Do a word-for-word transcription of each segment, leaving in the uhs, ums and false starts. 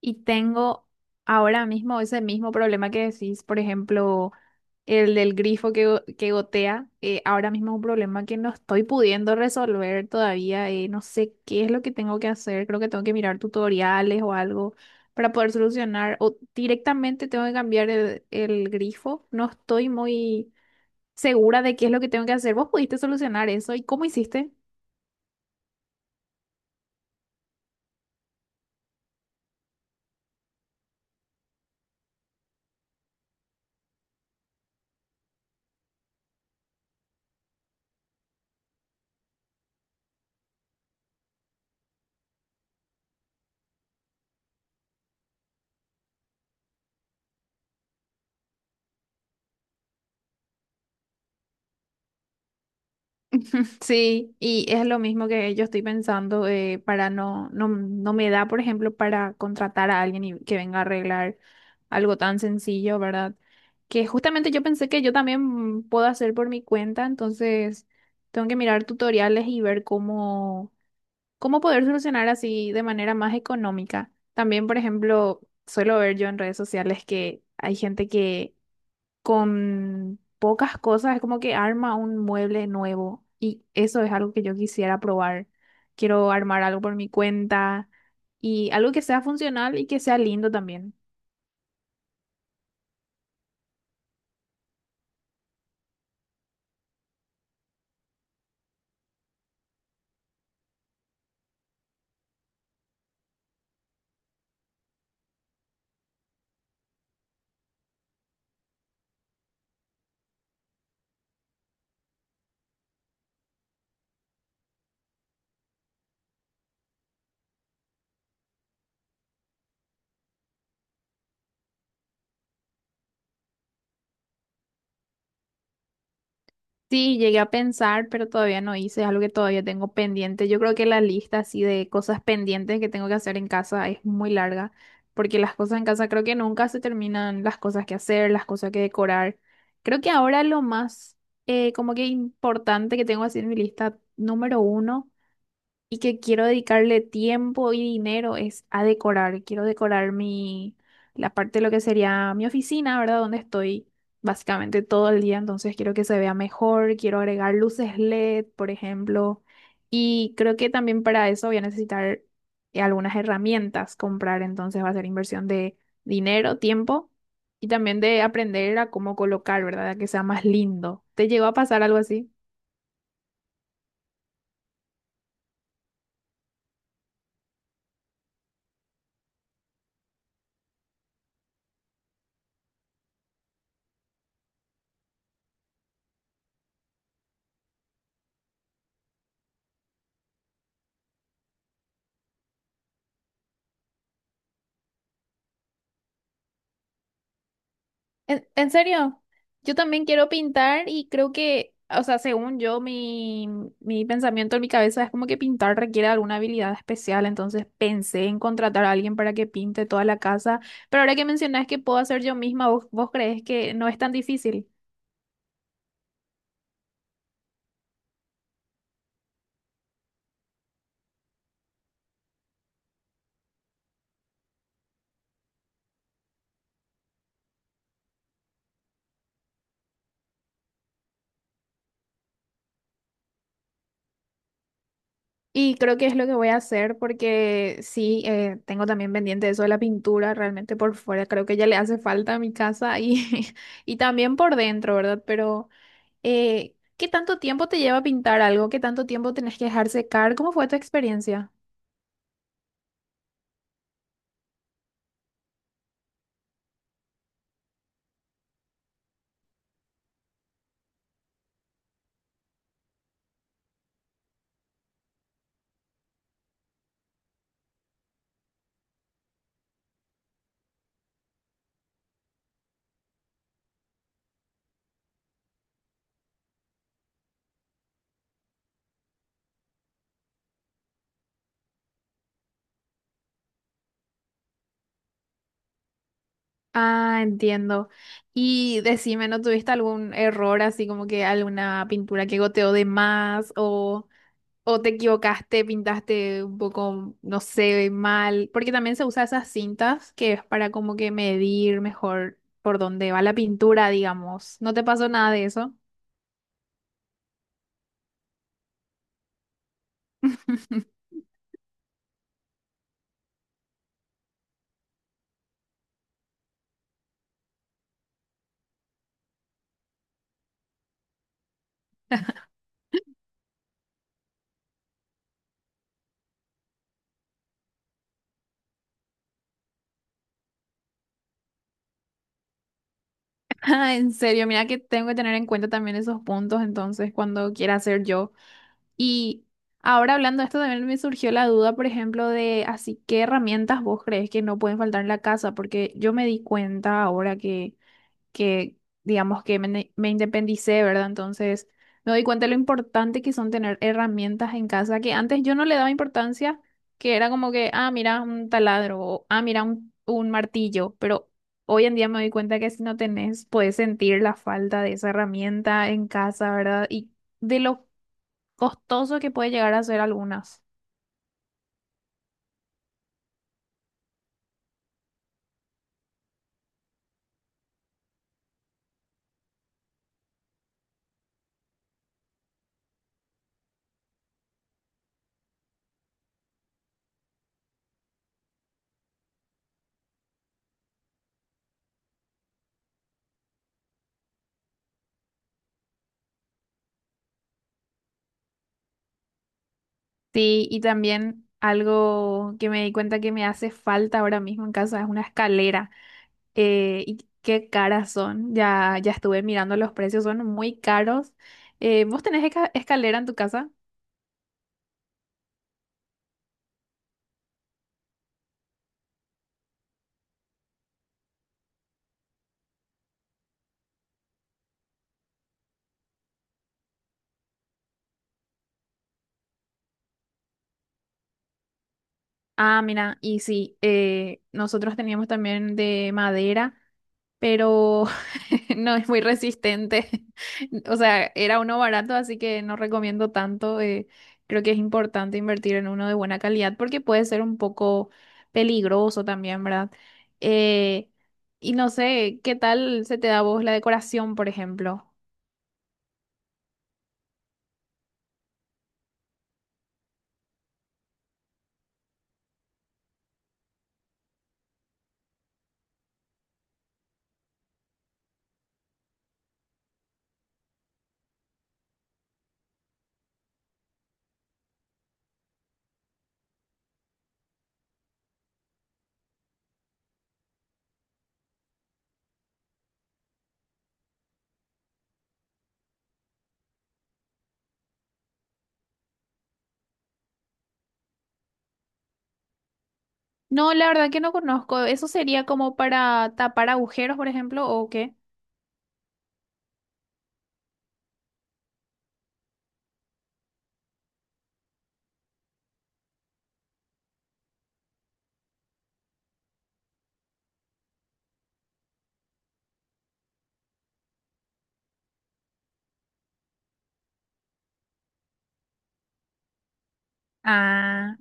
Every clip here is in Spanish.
Y tengo ahora mismo ese mismo problema que decís, por ejemplo, el del grifo que, go- que gotea. Eh, ahora mismo es un problema que no estoy pudiendo resolver todavía. Eh, no sé qué es lo que tengo que hacer. Creo que tengo que mirar tutoriales o algo para poder solucionar. O directamente tengo que cambiar el, el grifo. No estoy muy segura de qué es lo que tengo que hacer. ¿Vos pudiste solucionar eso? ¿Y cómo hiciste? Sí, y es lo mismo que yo estoy pensando, eh, para no, no, no me da, por ejemplo, para contratar a alguien y que venga a arreglar algo tan sencillo, ¿verdad? Que justamente yo pensé que yo también puedo hacer por mi cuenta, entonces tengo que mirar tutoriales y ver cómo, cómo poder solucionar así de manera más económica. También, por ejemplo, suelo ver yo en redes sociales que hay gente que con pocas cosas, es como que arma un mueble nuevo y eso es algo que yo quisiera probar. Quiero armar algo por mi cuenta y algo que sea funcional y que sea lindo también. Sí, llegué a pensar, pero todavía no hice, es algo que todavía tengo pendiente. Yo creo que la lista así de cosas pendientes que tengo que hacer en casa es muy larga, porque las cosas en casa creo que nunca se terminan, las cosas que hacer, las cosas que decorar. Creo que ahora lo más eh, como que importante que tengo así en mi lista número uno y que quiero dedicarle tiempo y dinero es a decorar. Quiero decorar mi, la parte de lo que sería mi oficina, ¿verdad? Donde estoy básicamente todo el día, entonces quiero que se vea mejor, quiero agregar luces L E D, por ejemplo, y creo que también para eso voy a necesitar eh, algunas herramientas comprar, entonces va a ser inversión de dinero, tiempo. Y también de aprender a cómo colocar, ¿verdad? A que sea más lindo. ¿Te llegó a pasar algo así? En, en serio, yo también quiero pintar y creo que, o sea, según yo, mi, mi pensamiento en mi cabeza es como que pintar requiere alguna habilidad especial, entonces pensé en contratar a alguien para que pinte toda la casa, pero ahora que mencionas que puedo hacer yo misma, ¿vos, vos crees que no es tan difícil? Y creo que es lo que voy a hacer porque sí, eh, tengo también pendiente eso de la pintura, realmente por fuera creo que ya le hace falta a mi casa y, y también por dentro, ¿verdad? Pero... Eh, ¿qué tanto tiempo te lleva pintar algo? ¿Qué tanto tiempo tenés que dejar secar? ¿Cómo fue tu experiencia? Ah, entiendo. Y decime, ¿no tuviste algún error así como que alguna pintura que goteó de más o, o te equivocaste, pintaste un poco, no sé, mal? Porque también se usa esas cintas que es para como que medir mejor por dónde va la pintura, digamos. ¿No te pasó nada de eso? Ah, en serio, mira que tengo que tener en cuenta también esos puntos entonces cuando quiera hacer yo. Y ahora hablando de esto, también me surgió la duda, por ejemplo, de así, ¿qué herramientas vos crees que no pueden faltar en la casa? Porque yo me di cuenta ahora que, que digamos que me, ne- me independicé, ¿verdad? Entonces, me doy cuenta de lo importante que son tener herramientas en casa, que antes yo no le daba importancia, que era como que, ah, mira, un taladro, o ah, mira, un, un martillo, pero hoy en día me doy cuenta que si no tenés, puedes sentir la falta de esa herramienta en casa, ¿verdad? Y de lo costoso que puede llegar a ser algunas. Sí, y también algo que me di cuenta que me hace falta ahora mismo en casa es una escalera. Eh, y qué caras son. Ya, ya estuve mirando los precios, son muy caros. Eh, ¿vos tenés esca- escalera en tu casa? Ah, mira, y sí, eh, nosotros teníamos también de madera, pero no es muy resistente. O sea, era uno barato, así que no recomiendo tanto. Eh, creo que es importante invertir en uno de buena calidad porque puede ser un poco peligroso también, ¿verdad? Eh, y no sé, ¿qué tal se te da a vos la decoración, por ejemplo? No, la verdad que no conozco. ¿Eso sería como para tapar agujeros, por ejemplo, o qué? Ah.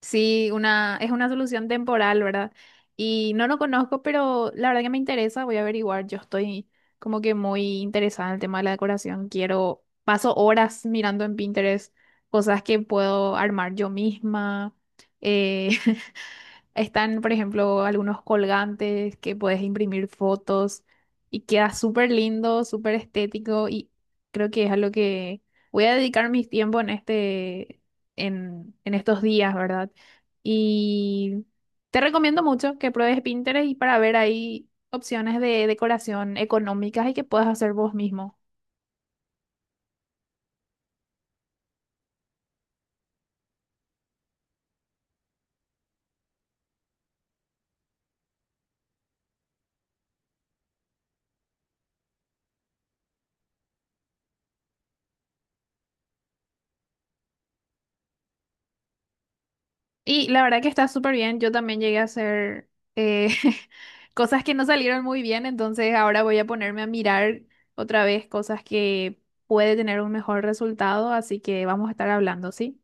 Sí, una, es una solución temporal, ¿verdad? Y no lo conozco, pero la verdad que me interesa, voy a averiguar. Yo estoy como que muy interesada en el tema de la decoración. Quiero, paso horas mirando en Pinterest cosas que puedo armar yo misma. eh, Están, por ejemplo, algunos colgantes que puedes imprimir fotos y queda súper lindo, súper estético y creo que es a lo que voy a dedicar mi tiempo en este, en, en estos días, ¿verdad? Y te recomiendo mucho que pruebes Pinterest y para ver ahí opciones de decoración económicas y que puedas hacer vos mismo. Y la verdad que está súper bien. Yo también llegué a hacer eh, cosas que no salieron muy bien, entonces ahora voy a ponerme a mirar otra vez cosas que puede tener un mejor resultado, así que vamos a estar hablando, ¿sí?